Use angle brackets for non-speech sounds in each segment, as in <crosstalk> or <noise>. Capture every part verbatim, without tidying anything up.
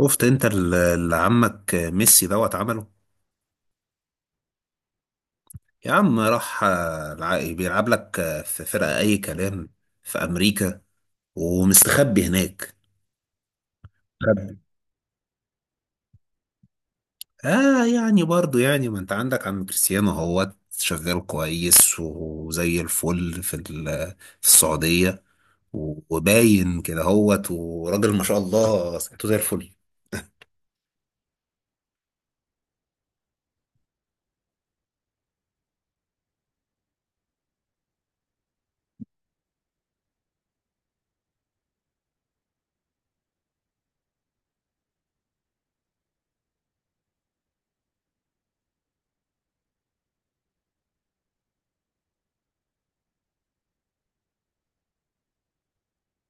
شفت انت ال- اللي عمك ميسي دوت عمله. يا عم راح، آه، الع- بيلعب لك، آه، في فرقة اي كلام في امريكا ومستخبي هناك. مستخبي. اه يعني برضو يعني ما انت عندك عم كريستيانو اهوت شغال كويس وزي الفل في ال- في السعودية، وباين كده اهوت وراجل ما شاء الله صحته زي الفل.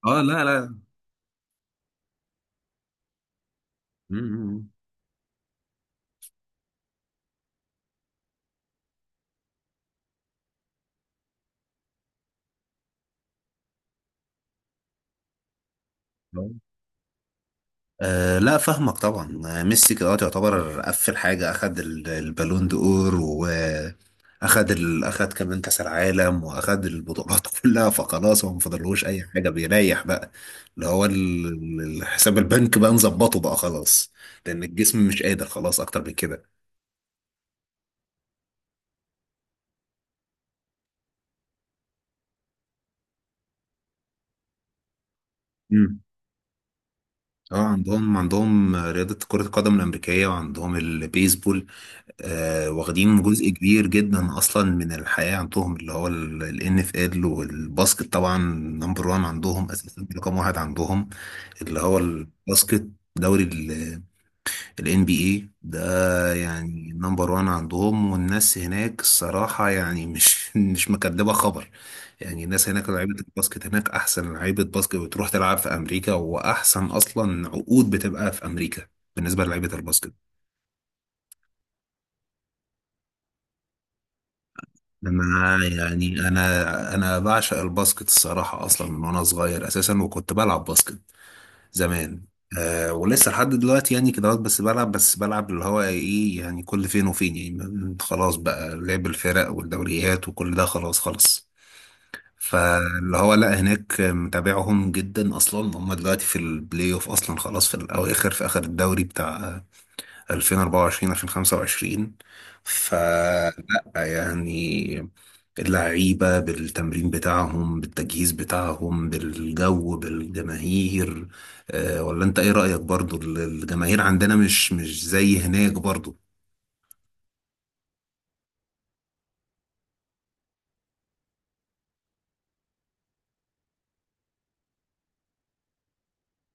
اه، لا لا. مم. أه، لا فاهمك طبعا. آه، ميسي دلوقتي يعتبر قفل حاجة، أخد ال- البالون دور، وأخد ال... أخد كمان كأس العالم، وأخد البطولات <laughs> كلها، فخلاص هو مفضلهوش أي حاجة، بيريح بقى اللي هو ال- الحساب البنك بقى، نظبطه بقى خلاص، لأن الجسم مش قادر خلاص أكتر من كده. مم. اه، عندهم عندهم رياضة كرة القدم الأمريكية، وعندهم البيسبول. آه، واخدين جزء كبير جدا اصلا من الحياه عندهم، اللي هو الان اف ال والباسكت، طبعا نمبر وان عندهم، اساسا رقم واحد عندهم اللي هو الباسكت. دوري الان بي اي ده يعني نمبر وان عندهم، والناس هناك الصراحه يعني مش <laughs> مش مكدبه خبر، يعني الناس هناك لعيبه الباسكت هناك احسن لعيبه باسكت، بتروح تلعب في امريكا، واحسن اصلا عقود بتبقى في امريكا بالنسبه للعيبه الباسكت. انا يعني انا انا بعشق الباسكت الصراحه اصلا من وانا صغير اساسا، وكنت بلعب باسكت زمان. أه، ولسه لحد دلوقتي يعني كده، بس بلعب، بس بلعب اللي هو ايه يعني، كل فين وفين يعني، م- خلاص بقى لعب الفرق والدوريات وكل ده، خلاص خلاص. فاللي هو لا، هناك متابعهم جدا اصلا، هم دلوقتي في البلاي اوف اصلا خلاص، في الاواخر في اخر الدوري بتاع ألفين واربعة وعشرين ألفين وخمسة وعشرين. فلا يعني اللعيبة بالتمرين بتاعهم، بالتجهيز بتاعهم، بالجو، بالجماهير، آه، ولا انت ايه رأيك؟ برضو الجماهير عندنا مش مش زي هناك برضو.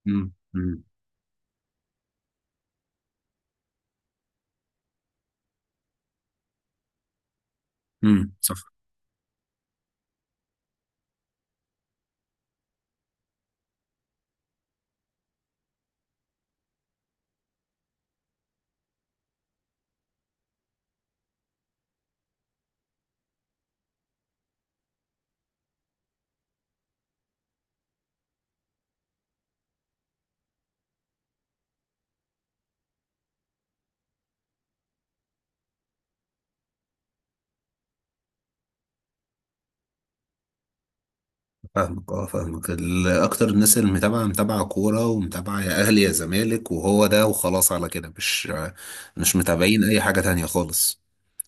مم. مم. مم. صح. فاهمك اه فاهمك، ال- اكتر الناس اللي متابعه متابعه كوره، ومتابعه يا اهلي يا زمالك وهو ده وخلاص، على كده مش مش متابعين اي حاجه تانية خالص.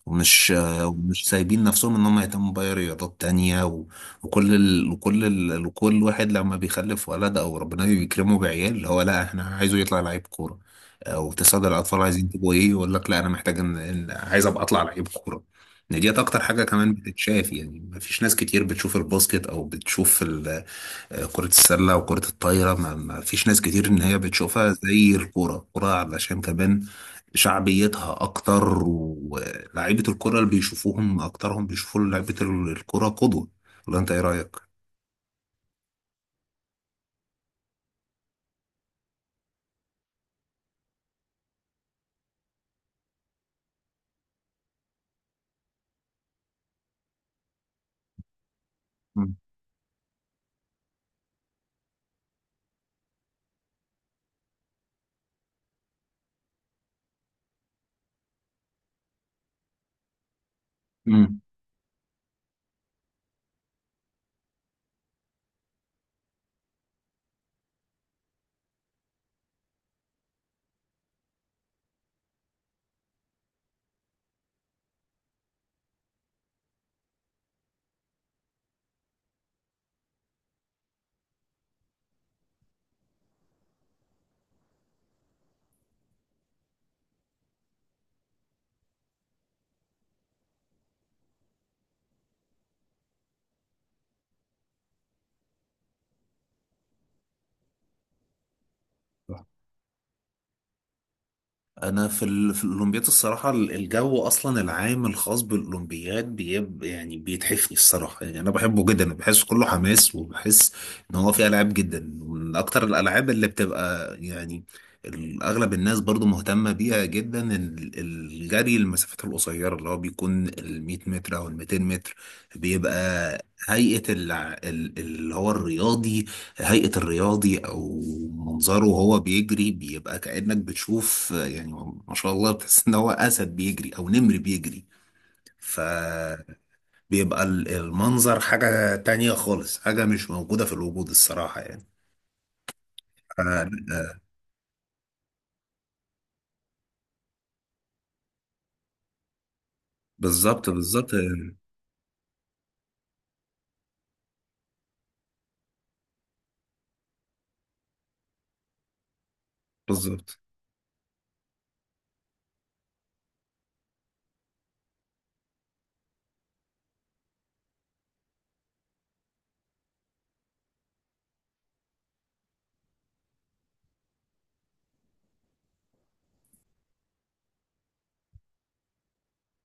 ومش آه، ومش سايبين نفسهم ان هم يهتموا باي رياضات تانية، و... وكل ال... وكل ال... وكل واحد لما بيخلف ولد او ربنا بيكرمه بعيال، اللي هو لا احنا عايزه يطلع لعيب كورة او تساعد الاطفال، عايزين تبقوا ايه؟ يقول لك لا انا محتاج ان إن- عايز ابقى اطلع لعيب كورة. إن ديت اكتر حاجة كمان بتتشاف، يعني مفيش ناس كتير بتشوف الباسكت او بتشوف ال... كرة السلة وكرة الطايرة، ما ما فيش ناس كتير إن هي بتشوفها زي الكورة. الكورة علشان كمان شعبيتها أكتر، ولاعيبة الكرة اللي بيشوفوهم أكترهم بيشوفوا لعيبة الكرة قدوة. ولا أنت إيه رأيك؟ مم. مم. انا في ال... في الاولمبياد الصراحه، ال- الجو اصلا العام الخاص بالاولمبياد بيب... يعني بيتحفني الصراحه، يعني انا بحبه جدا، بحس كله حماس، وبحس ان هو فيه العاب جدا، ومن اكتر الالعاب اللي بتبقى يعني ال- اغلب الناس برضو مهتمه بيها جدا، ال- الجري المسافات القصيره، اللي هو بيكون ال مية متر او ال ميتين متر، بيبقى هيئه الع- ال- اللي هو الرياضي، هيئة الرياضي، أو منظره وهو بيجري، بيبقى كأنك بتشوف يعني ما شاء الله، بتحس إن هو أسد بيجري أو نمر بيجري، فبيبقى ال- المنظر حاجة تانية خالص، حاجة مش موجودة في الوجود الصراحة يعني. ف- آه، بالظبط، بالظبط. بالظبط،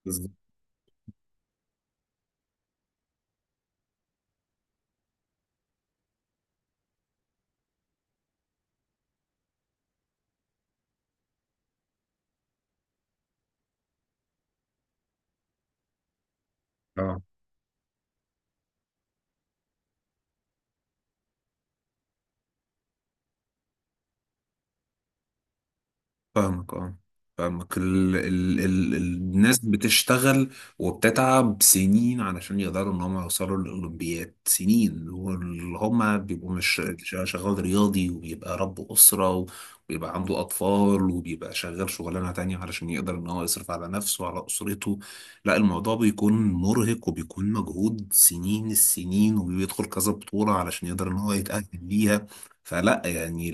بالظبط. آه. فاهمك، اه فاهمك ال... ال... ال... الناس بتشتغل، وبتتعب سنين علشان يقدروا ان هم يوصلوا للاولمبياد، سنين، واللي هم بيبقوا مش شغال شغال رياضي، وبيبقى رب اسره، وبيبقى عنده اطفال، وبيبقى شغال شغلانه تانية علشان يقدر ان هو يصرف على نفسه وعلى اسرته. لا، الموضوع بيكون مرهق، وبيكون مجهود سنين السنين، وبيدخل كذا بطوله علشان يقدر ان هو يتاهل ليها. فلا يعني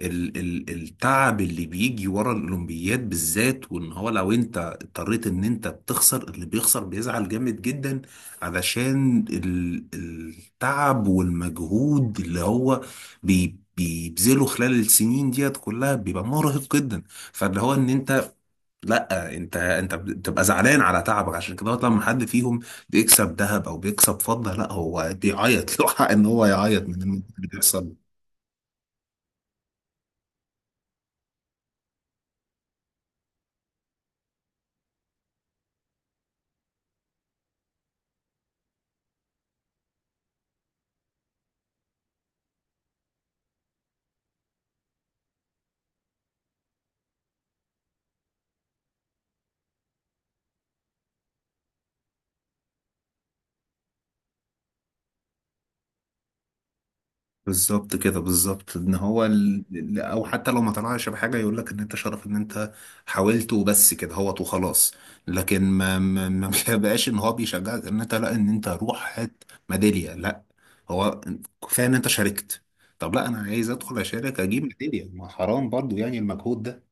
ال ال التعب اللي بيجي ورا الاولمبياد بالذات، وان هو لو انت اضطريت ان انت بتخسر، اللي بيخسر بيزعل جامد جدا علشان ال التعب والمجهود اللي هو بي بيبذله خلال السنين ديت كلها، بيبقى مرهق جدا. فاللي هو ان انت، لا انت، انت بتبقى زعلان على تعبك، عشان كده لما حد فيهم بيكسب ذهب او بيكسب فضة، لا هو بيعيط، له حق ان هو يعيط من المجهود اللي بيحصل. بالظبط كده، بالظبط. ان هو ال... ال- او حتى لو ما طلعش بحاجه، يقول لك ان انت شرف ان انت حاولت وبس كده هو، وخلاص. لكن ما ما ما <laughs> بقاش ان هو بيشجعك ان انت، لا ان انت روح هات ميداليه، لا، هو كفايه ان انت شاركت. طب لا، انا عايز ادخل اشارك اجيب ميداليه، ما حرام برضو يعني المجهود ده.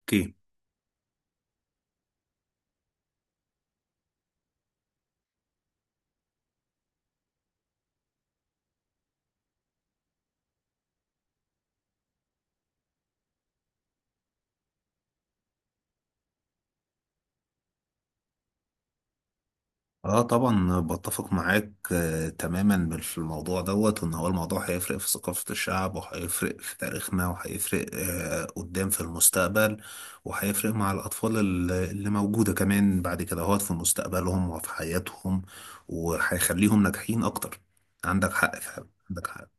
اوكي. اه طبعا بتفق معاك، آه، تماما في الموضوع، دوت وان هو الموضوع هيفرق في ثقافة الشعب، وهيفرق في تاريخنا، وهيفرق آه، قدام في المستقبل، وهيفرق مع الأطفال ال- اللي موجودة كمان بعد كده، هوت في مستقبلهم وفي حياتهم، وهيخليهم ناجحين أكتر. عندك حق فعلا، عندك حق.